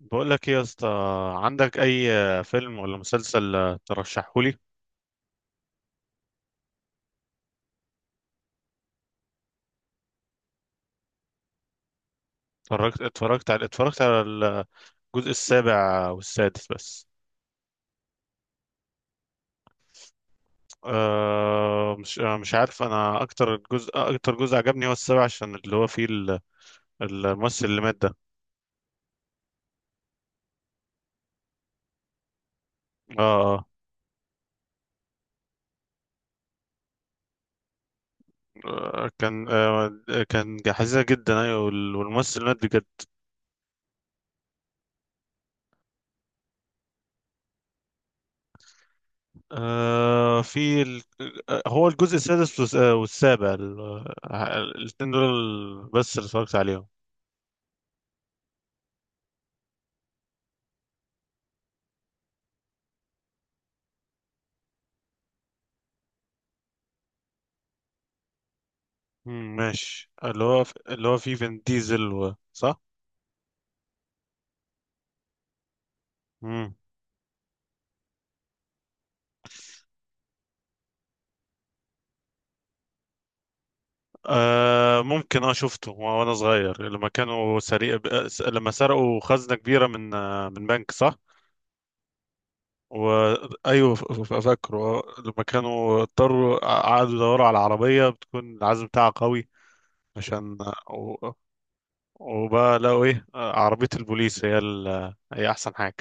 بقول لك ايه يا اسطى، عندك اي فيلم ولا مسلسل ترشحه لي؟ اتفرجت على الجزء السابع والسادس بس. أه، مش عارف، انا اكتر جزء عجبني هو السابع عشان اللي هو فيه الممثل اللي مات ده. اه، آه، آه، كان آه كان حزينة جدا، ايوه، والممثل مات بجد. آه في ال... هو الجزء السادس والسابع، الاتنين دول بس اللي اتفرجت عليهم. ماشي، اللي هو فيه فين ديزل صح؟ مم. آه ممكن، اه شفته وانا صغير لما كانوا لما سرقوا خزنة كبيرة من من بنك، صح؟ أيوه، فاكره، لما كانوا قعدوا يدوروا على عربية بتكون العزم بتاعها قوي عشان وبقى لقوا ايه، عربية البوليس، هي احسن حاجة.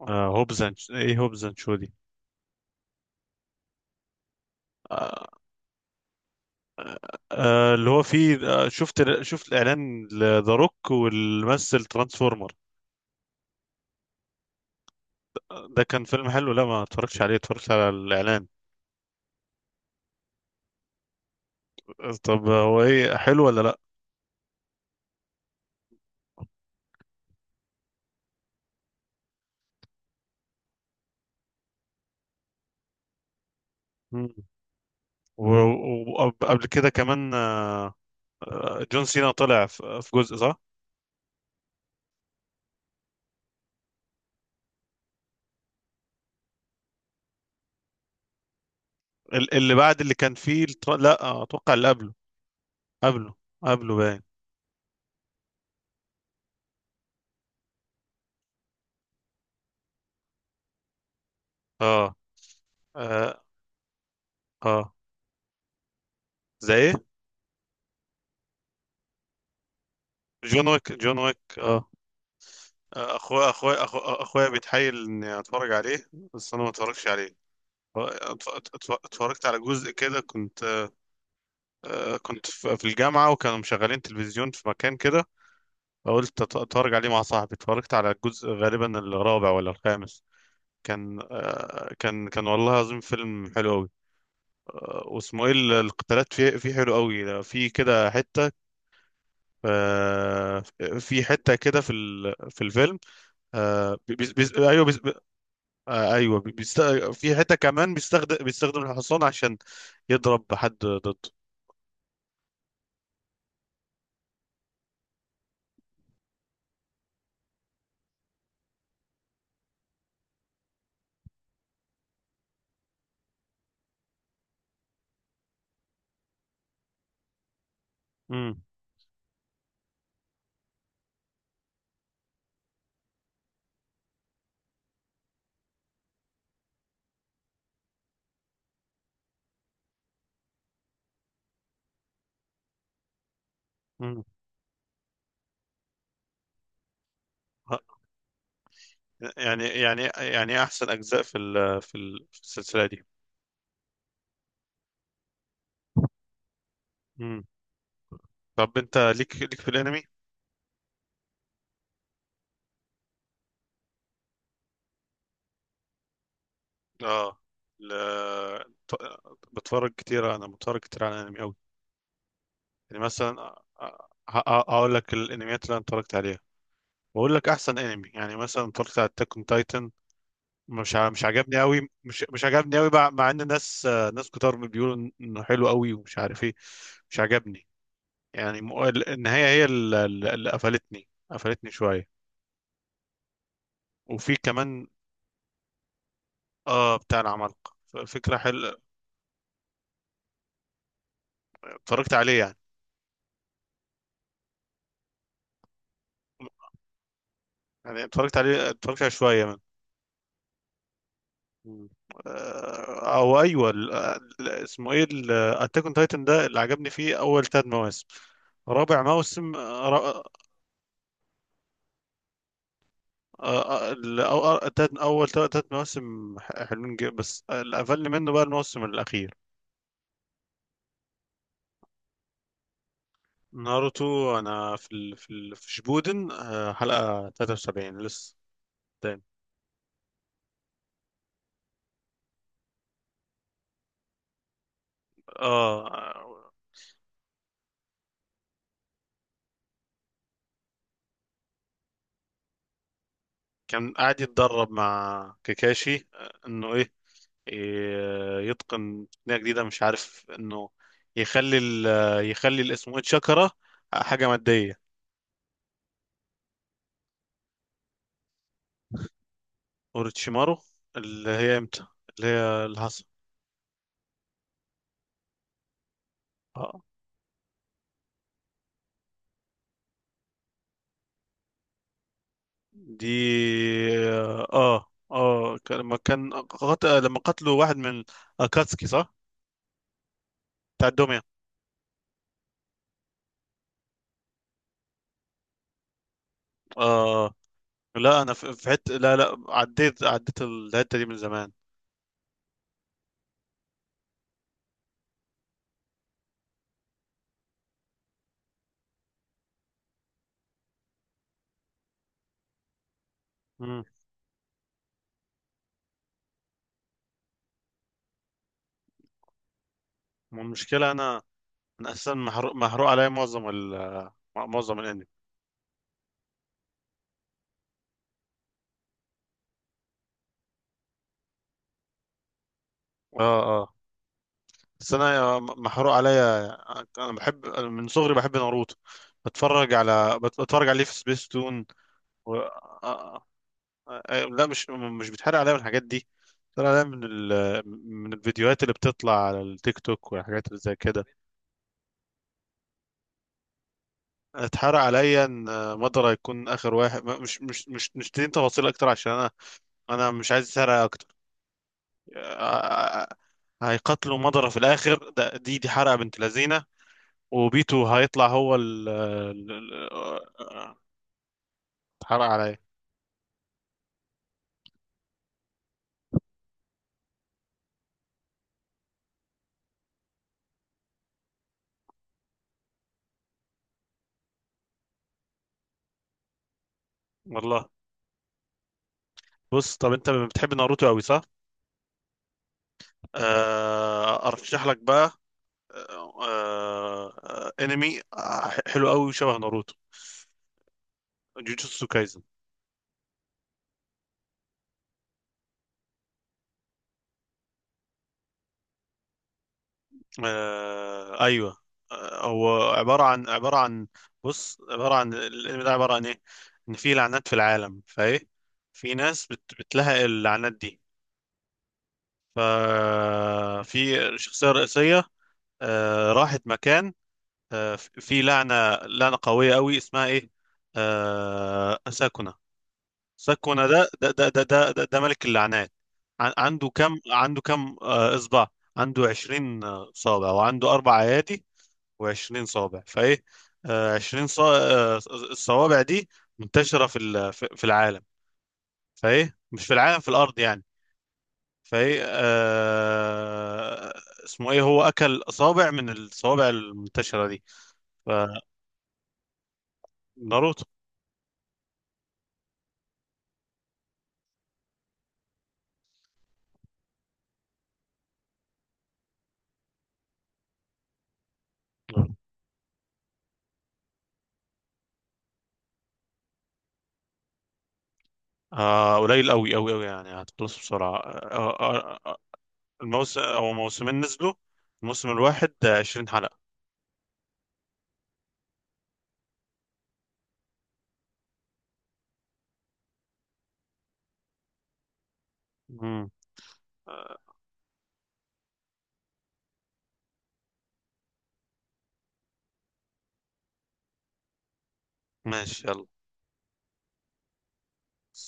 ايه هوبز اند شو دي؟ آه، اللي هو فيه، شفت الاعلان، لذا روك واللي مثل ترانسفورمر. ده كان فيلم حلو؟ لا، ما اتفرجتش عليه، اتفرجت على الاعلان. طب هو ايه، حلو ولا لا؟ مم. وقبل كده كمان جون سينا طلع في جزء، صح؟ اللي بعد اللي كان فيه لا، اتوقع اللي قبله. قبله. قبله باين. اه. اه. اه. زي ايه؟ جون ويك، اه. اخويا بيتحايل اني اتفرج عليه بس انا ما اتفرجش عليه. اتفرجت على جزء كده، كنت كنت في الجامعة وكانوا مشغلين تلفزيون في مكان كده، فقلت اتفرج عليه مع صاحبي. اتفرجت على الجزء، غالبا الرابع ولا الخامس. كان كان والله العظيم فيلم حلو قوي. واسمه ايه، القتالات فيه، فيه حلو قوي، في كده حتة، آه، في حتة كده في في الفيلم، ايوه، ايوه، في حتة كمان بيستخدم الحصان عشان يضرب حد ضده. مم. ه- يعني يعني احسن اجزاء في في السلسله دي. مم. طب انت ليك، في الانمي؟ اه. ل... ط- بتفرج كتير؟ انا بتفرج كتير على الانمي قوي. يعني مثلا، اقول لك الانميات اللي انا اتفرجت عليها واقول لك احسن انمي. يعني مثلا اتفرجت على اتاك اون تايتن. مش عجبني قوي، مش عجبني قوي، مع ان ناس، ناس كتار بيقولوا انه حلو قوي ومش عارف ايه. مش عجبني. يعني مو- النهايه هي اللي، قفلتني، شويه. وفي كمان، اه، بتاع العمالقة، فكرة حلوة. اتفرجت عليه يعني، يعني اتفرجت عليه، اتفرجت على شوية منه. مم. آه، او ايوه، اسمه ايه، اتاك اون تايتن ده، اللي عجبني فيه اول ثلاث مواسم. رابع موسم، آه، آه، ال- أو- اول ثلاث مواسم حلوين جدا بس الاقل منه بقى الموسم الاخير. ناروتو، انا في في شبودن، حلقة 73 لسه قدام. اه. كان قاعد يتدرب مع كاكاشي، انه ايه، يتقن تقنية جديدة، مش عارف، انه يخلي ال، يخلي الاسمه شاكرا حاجة مادية. اوروتشيمارو، اللي هي امتى؟ اللي هي الهصا؟ اه. دي؟ اه، اه، لما قتلوا واحد من اكاتسكي، صح؟ بتاع الدمية. اه. لا انا في حته، لا، لا، عديت الحتة دي من زمان. مم. المشكلة انا، انا اساسا محروق، عليا معظم معظم الانمي. اه. اه. بس انا محروق عليا، انا بحب، أنا من صغري بحب ناروتو، بتفرج على بتفرج عليه في سبيس تون. و... آه... آه... آه، لا، مش بيتحرق عليا من الحاجات دي، بيتحرق عليا من الفيديوهات اللي بتطلع على التيك توك والحاجات اللي زي كده. اتحرق عليا ان، مضرة يكون اخر واحد. مش تدين تفاصيل اكتر عشان انا، انا مش عايز اسرق. آه، هيقتلوا مضرة في الآخر، ده دي حرقة بنت لذينة. وبيتو هيطلع هو اتحرق عليا. والله. بص، طب انت بتحب ناروتو قوي، صح؟ ارشح لك بقى انمي حلو قوي وشبه ناروتو. جوجوتسو كايزن. ايوه، هو عبارة عن، بص، عبارة عن الانمي ده، عبارة عن ايه؟ ان في لعنات في العالم، فايه، في ناس بتلحق اللعنات دي. ففي شخصية رئيسية، راحت مكان، في لعنة، قوية قوي، اسمها ايه، ساكونة. ساكونة ده، ده ملك اللعنات. عنده كم إصبع، عنده 20 صابع وعنده أربع أيادي و20 صابع، فإيه، آه، 20 صا- آه، الصوابع دي منتشرة في في العالم، فإيه مش في العالم، في الأرض يعني. فهي آه... اسمه ايه، هو اكل اصابع من الصوابع المنتشره دي. فناروتو، آه قليل قوي قوي، يعني هتخلص بسرعه. الموسم او موسمين نزلوا، الموسم الواحد 20 حلقه. مم. آه ماشي يلا.